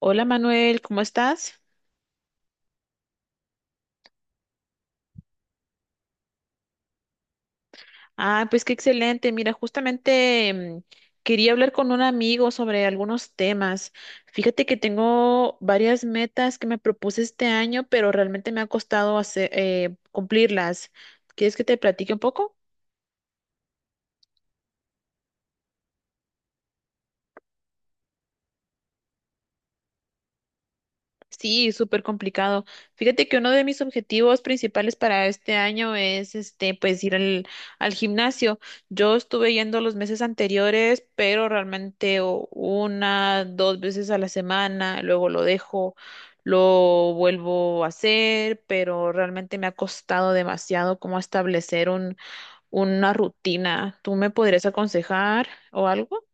Hola Manuel, ¿cómo estás? Ah, pues qué excelente. Mira, justamente quería hablar con un amigo sobre algunos temas. Fíjate que tengo varias metas que me propuse este año, pero realmente me ha costado hacer, cumplirlas. ¿Quieres que te platique un poco? Sí, súper complicado. Fíjate que uno de mis objetivos principales para este año es este, pues ir al gimnasio. Yo estuve yendo los meses anteriores, pero realmente una, dos veces a la semana, luego lo dejo, lo vuelvo a hacer, pero realmente me ha costado demasiado como establecer una rutina. ¿Tú me podrías aconsejar o algo?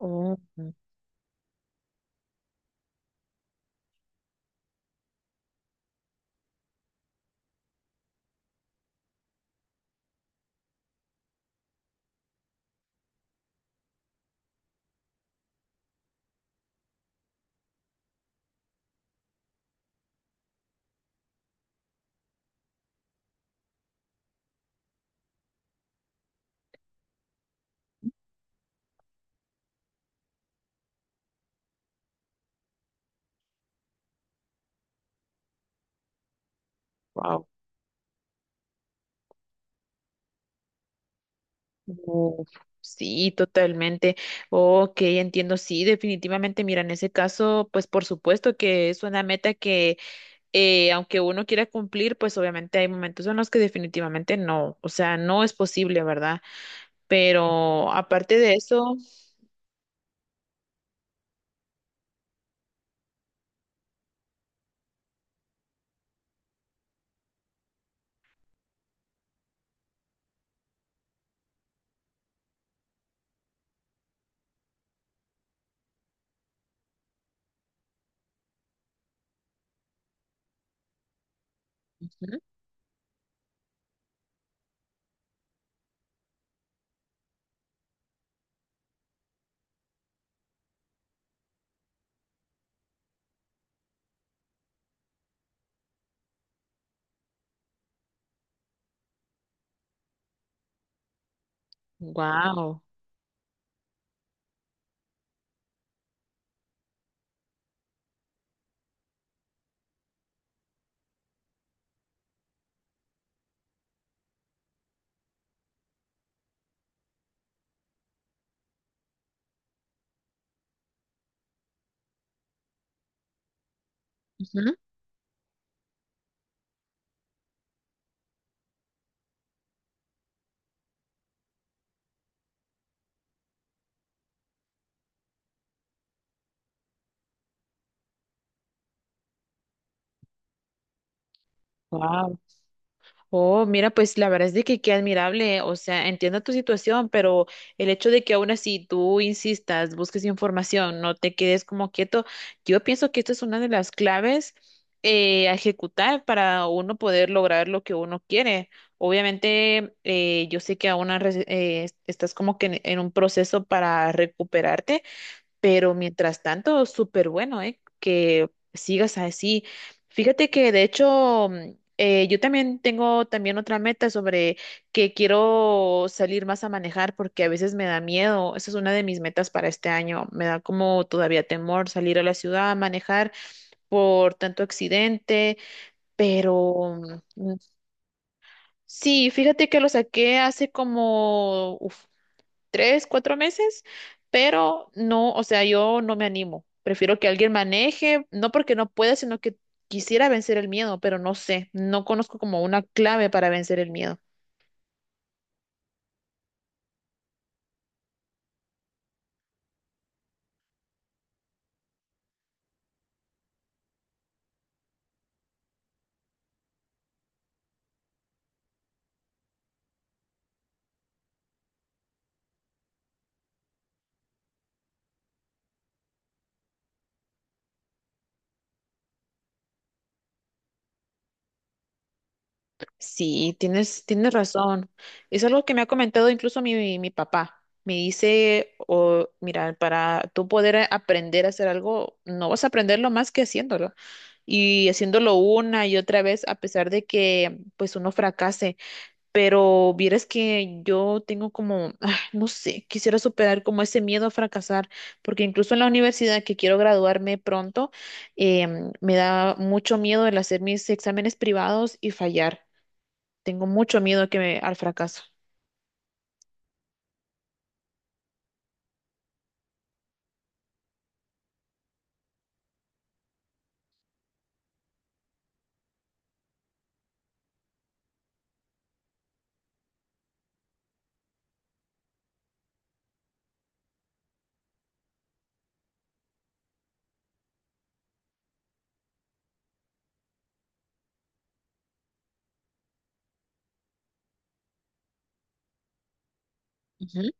Oh, wow. Uf, sí, totalmente. Ok, entiendo, sí, definitivamente. Mira, en ese caso, pues por supuesto que es una meta que, aunque uno quiera cumplir, pues obviamente hay momentos en los que definitivamente no, o sea, no es posible, ¿verdad? Pero aparte de eso, wow, wow. Oh, mira, pues la verdad es de que qué admirable, o sea, entiendo tu situación, pero el hecho de que aún así tú insistas, busques información, no te quedes como quieto, yo pienso que esta es una de las claves a ejecutar para uno poder lograr lo que uno quiere. Obviamente, yo sé que aún estás como que en un proceso para recuperarte, pero mientras tanto, súper bueno, ¿eh? Que sigas así. Fíjate que de hecho, yo también tengo también otra meta sobre que quiero salir más a manejar porque a veces me da miedo. Esa es una de mis metas para este año. Me da como todavía temor salir a la ciudad a manejar por tanto accidente, pero mm, sí, fíjate que lo saqué hace como, uf, tres, cuatro meses, pero no, o sea, yo no me animo. Prefiero que alguien maneje, no porque no pueda, sino que quisiera vencer el miedo, pero no sé, no conozco como una clave para vencer el miedo. Sí, tienes razón. Es algo que me ha comentado incluso mi papá. Me dice, oh, mira, para tú poder aprender a hacer algo, no vas a aprenderlo más que haciéndolo. Y haciéndolo una y otra vez, a pesar de que pues uno fracase. Pero vieras que yo tengo como, ah, no sé, quisiera superar como ese miedo a fracasar, porque incluso en la universidad que quiero graduarme pronto, me da mucho miedo el hacer mis exámenes privados y fallar. Tengo mucho miedo al fracaso. Ujú,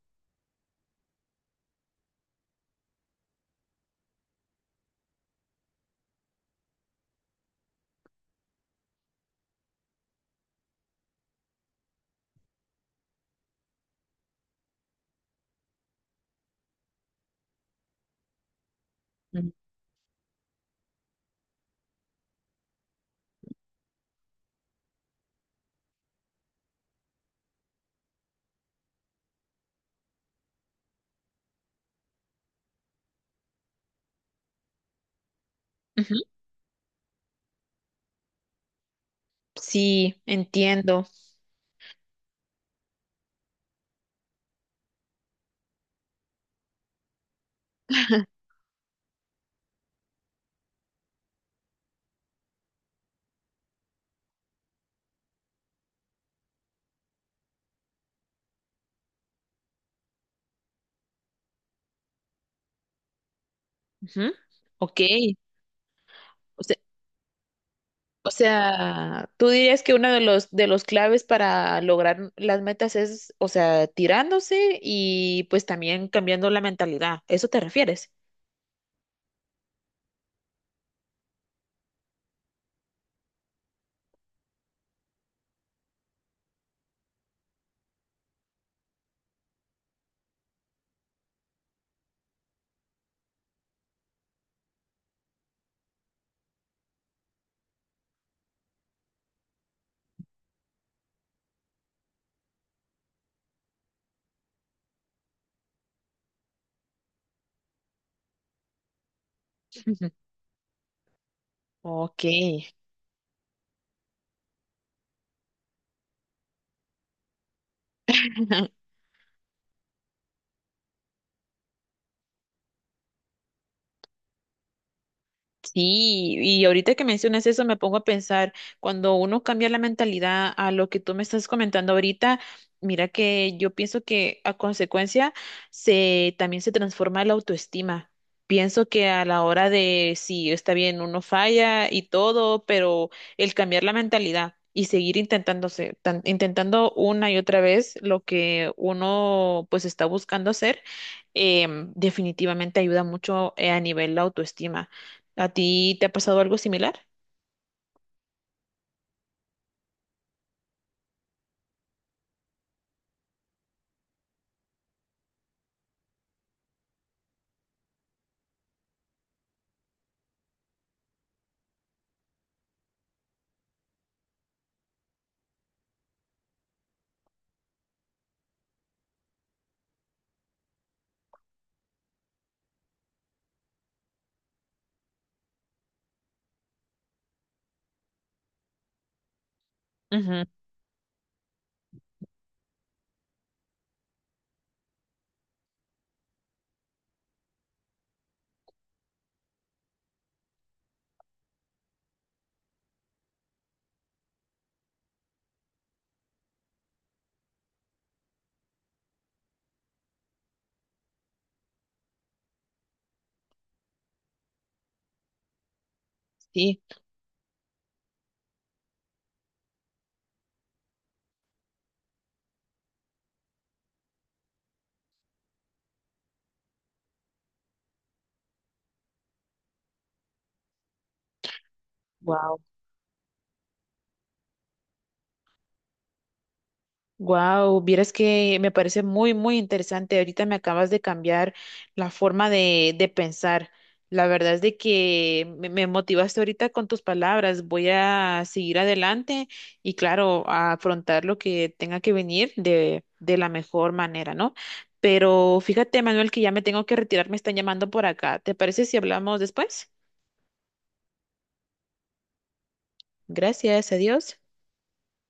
ujú, ujú. Sí, entiendo. Ujú. Ok. O sea, O sea, tú dirías que uno de los claves para lograr las metas es, o sea, tirándose y pues también cambiando la mentalidad. ¿Eso te refieres? Ujú. Ok. Sí, y ahorita que mencionas eso me pongo a pensar, cuando uno cambia la mentalidad a lo que tú me estás comentando ahorita, mira que yo pienso que a consecuencia se también se transforma la autoestima. Pienso que a la hora de sí, está bien, uno falla y todo, pero el cambiar la mentalidad y seguir intentándose, intentando una y otra vez lo que uno pues está buscando hacer, definitivamente ayuda mucho a nivel la autoestima. ¿A ti te ha pasado algo similar? Ujú. Sí. Wow. Wow, vieras que me parece muy, muy interesante. Ahorita me acabas de cambiar la forma de pensar. La verdad es de que me motivaste ahorita con tus palabras. Voy a seguir adelante y claro, a afrontar lo que tenga que venir de la mejor manera, ¿no? Pero fíjate, Manuel, que ya me tengo que retirar, me están llamando por acá. ¿Te parece si hablamos después? Gracias a Dios.